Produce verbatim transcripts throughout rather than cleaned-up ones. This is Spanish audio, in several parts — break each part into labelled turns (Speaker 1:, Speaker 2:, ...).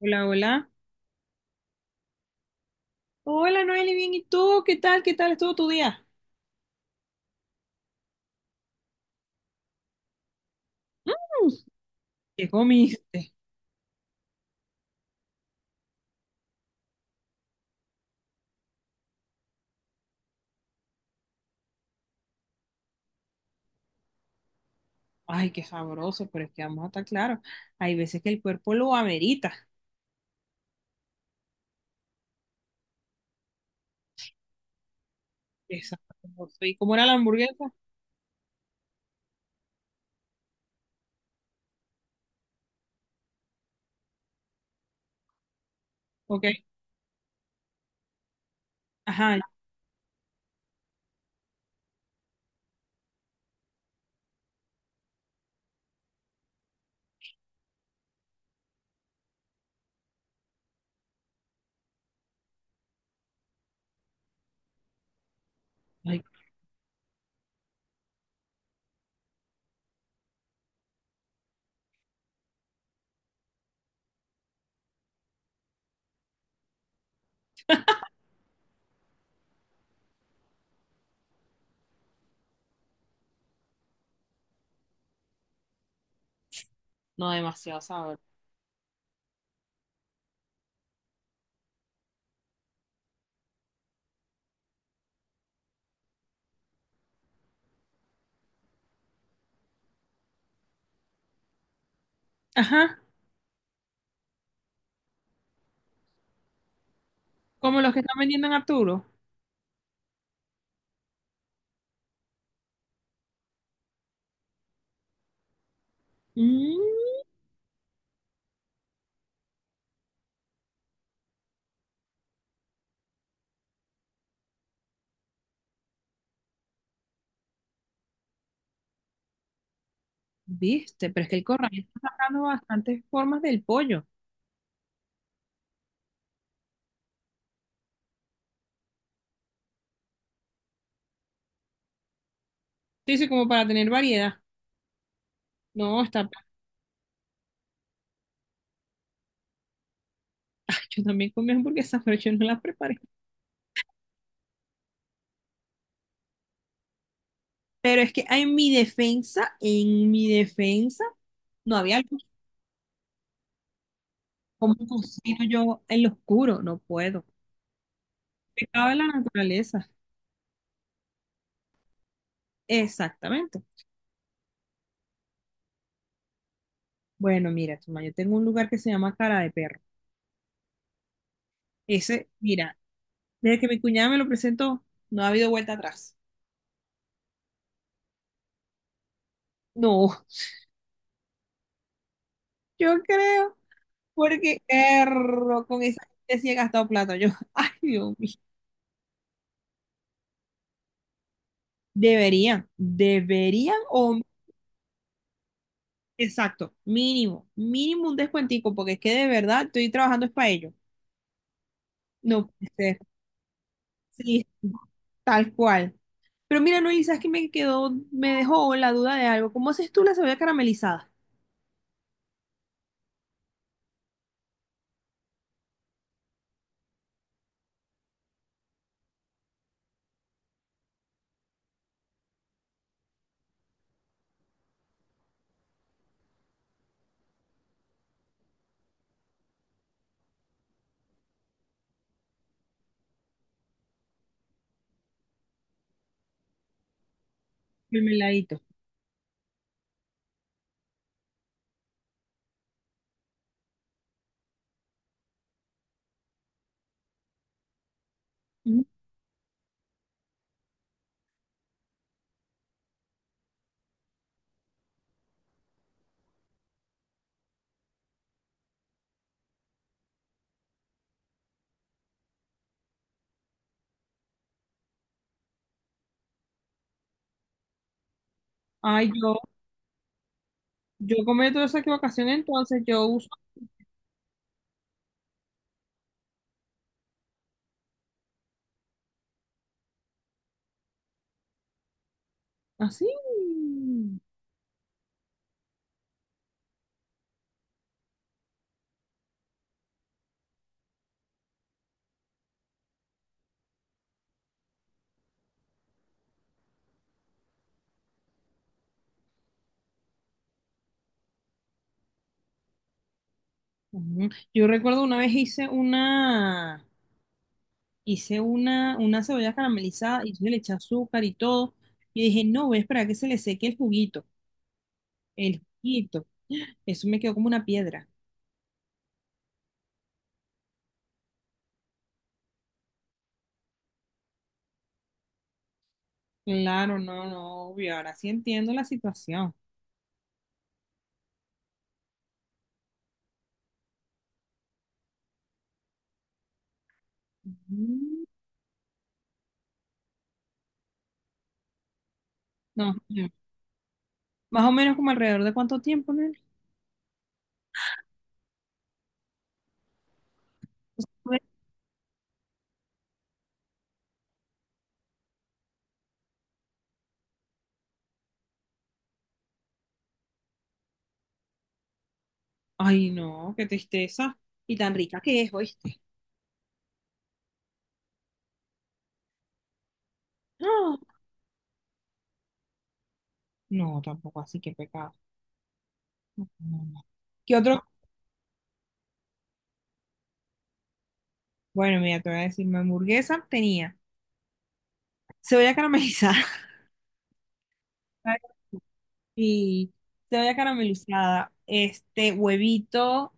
Speaker 1: Hola, hola. Hola, Noeli, bien. ¿Y tú? ¿Qué tal? ¿Qué tal estuvo tu día? ¿Qué comiste? Ay, qué sabroso, pero es que vamos a estar claros. Hay veces que el cuerpo lo amerita. Exacto. ¿Y cómo era la hamburguesa? Ok. Ajá. Ay, no, demasiado sabor. Ajá. Como los que están vendiendo en Arturo. Mm, viste, pero es que el corral está sacando bastantes formas del pollo. Sí, sí, como para tener variedad. No, está. Yo también comí hamburguesas, pero yo no las preparé. Pero es que en mi defensa, en mi defensa. No había luz. ¿Cómo cocino yo en lo oscuro? No puedo. Pecado de la naturaleza. Exactamente. Bueno, mira, chama, yo tengo un lugar que se llama Cara de Perro. Ese, mira, desde que mi cuñada me lo presentó, no ha habido vuelta atrás. No, yo creo, porque erro, con esa gente sí he gastado plata. Yo, ay, Dios mío. Deberían, deberían o, exacto, mínimo, mínimo un descuentico, porque es que de verdad estoy trabajando es para ello. No puede ser. Sí, tal cual. Pero mira, Noel, ¿sabes qué me quedó? Me dejó la duda de algo. ¿Cómo haces tú la cebolla caramelizada? El meladito. Ujú. Ay, yo, yo cometo esa equivocación, entonces yo uso así. Ujú. Yo recuerdo una vez hice una, hice una, una cebolla caramelizada y yo le eché azúcar y todo. Y dije, no, voy a esperar a que se le seque el juguito, el juguito. Eso me quedó como una piedra. Claro, no, no, obvio. Ahora sí entiendo la situación. Mm. No, ya. ¿Más o menos como alrededor de cuánto tiempo, Nelly? Ay, no, qué tristeza. Y tan rica que es, ¿oíste? ¡Ah! No, tampoco así, qué pecado. No, no. ¿Qué otro? Bueno, mira, te voy a decir, mi hamburguesa tenía cebolla caramelizada. Y cebolla caramelizada, este huevito,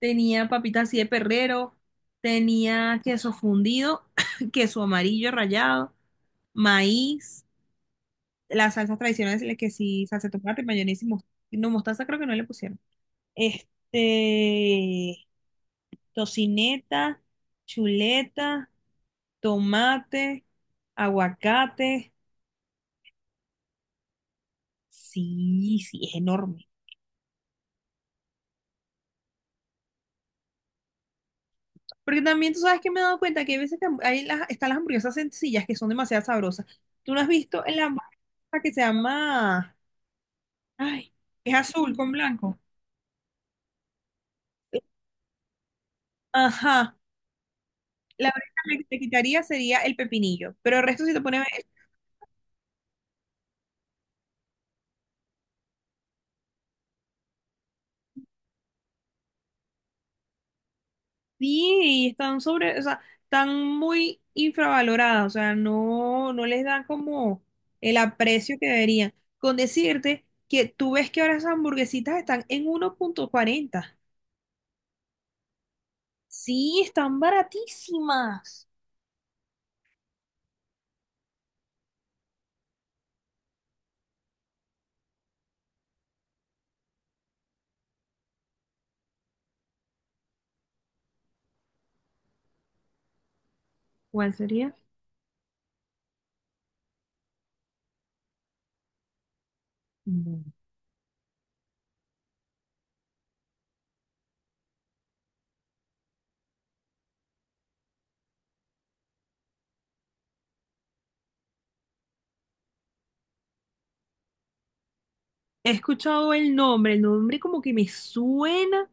Speaker 1: tenía papitas así de perrero, tenía queso fundido, queso amarillo rallado, maíz. Las salsas tradicionales, la que sí, salsa de tomate, mayonesa y mostaza. No, mostaza creo que no le pusieron. Este, tocineta, chuleta, tomate, aguacate. Sí, sí, es enorme. Porque también tú sabes que me he dado cuenta que hay veces que hay las, están las hamburguesas sencillas que son demasiado sabrosas. ¿Tú no has visto en la hamburguesa que se llama... Ay, es azul con blanco? Ajá. La única que te quitaría sería el pepinillo. Pero el resto, si te pones... Sí, y están sobre, o sea, están muy infravaloradas, o sea, no, no les dan como el aprecio que deberían. Con decirte que tú ves que ahora esas hamburguesitas están en uno punto cuarenta. Sí, están baratísimas. ¿Cuál sería? Mm. He escuchado el nombre, el nombre como que me suena,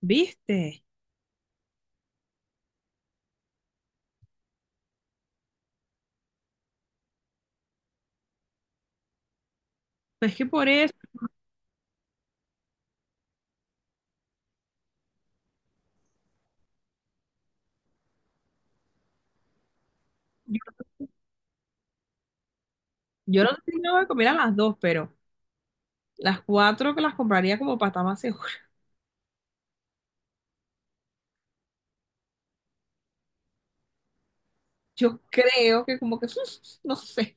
Speaker 1: ¿viste? Pues que por eso, yo, yo no sé si me voy a comer a las dos, pero las cuatro que las compraría como para estar más... Yo creo que como que, no sé.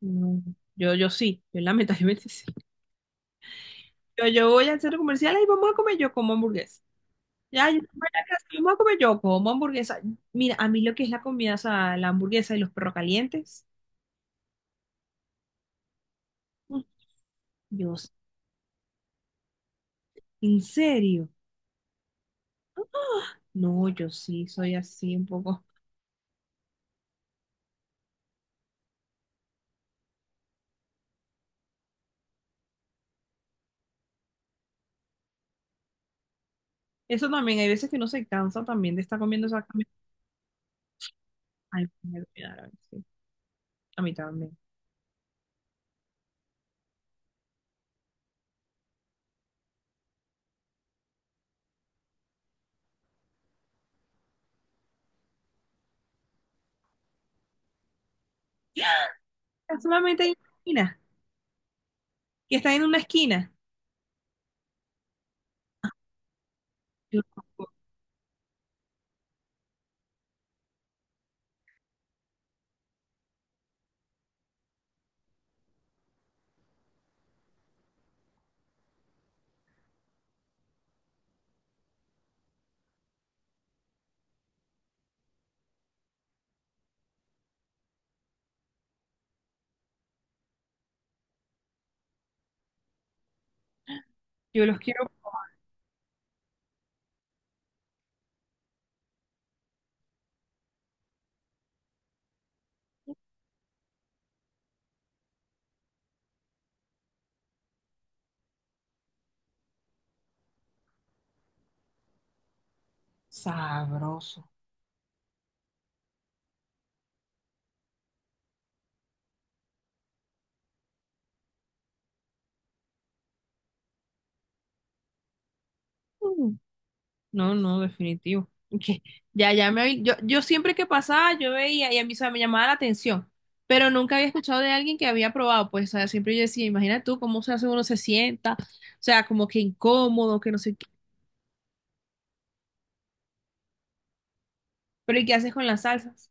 Speaker 1: No, yo, yo sí, yo lamentablemente sí. Yo, yo voy al centro comercial y vamos a comer, yo como hamburguesa. Ya, yo voy a la casa vamos a comer, yo como hamburguesa. Mira, a mí lo que es la comida, o sea, la hamburguesa y los perros calientes, mm, Dios, ¿en serio? No, yo sí, soy así un poco. Eso también, hay veces que uno se cansa también de estar comiendo esa comida. Ay, me voy a dar, sí, a mí también. Solamente hay una esquina, que están en una esquina. Yo, yo los quiero... Sabroso. Mm. No, no, definitivo. Que... Ya, ya me habí- yo, yo siempre que pasaba, yo veía y a mí, o sea, me llamaba la atención, pero nunca había escuchado de alguien que había probado, pues, o sea, siempre yo decía, imagina tú cómo se hace uno se sienta, o sea, como que incómodo, que no sé qué. Pero ¿y qué haces con las salsas?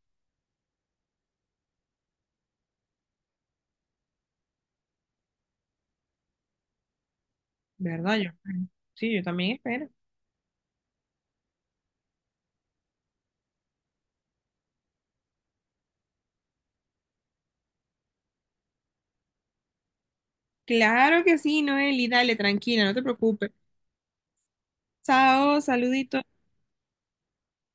Speaker 1: ¿Verdad? Yo, sí, yo también espero. Claro que sí, Noeli, dale, tranquila, no te preocupes. Chao, saluditos.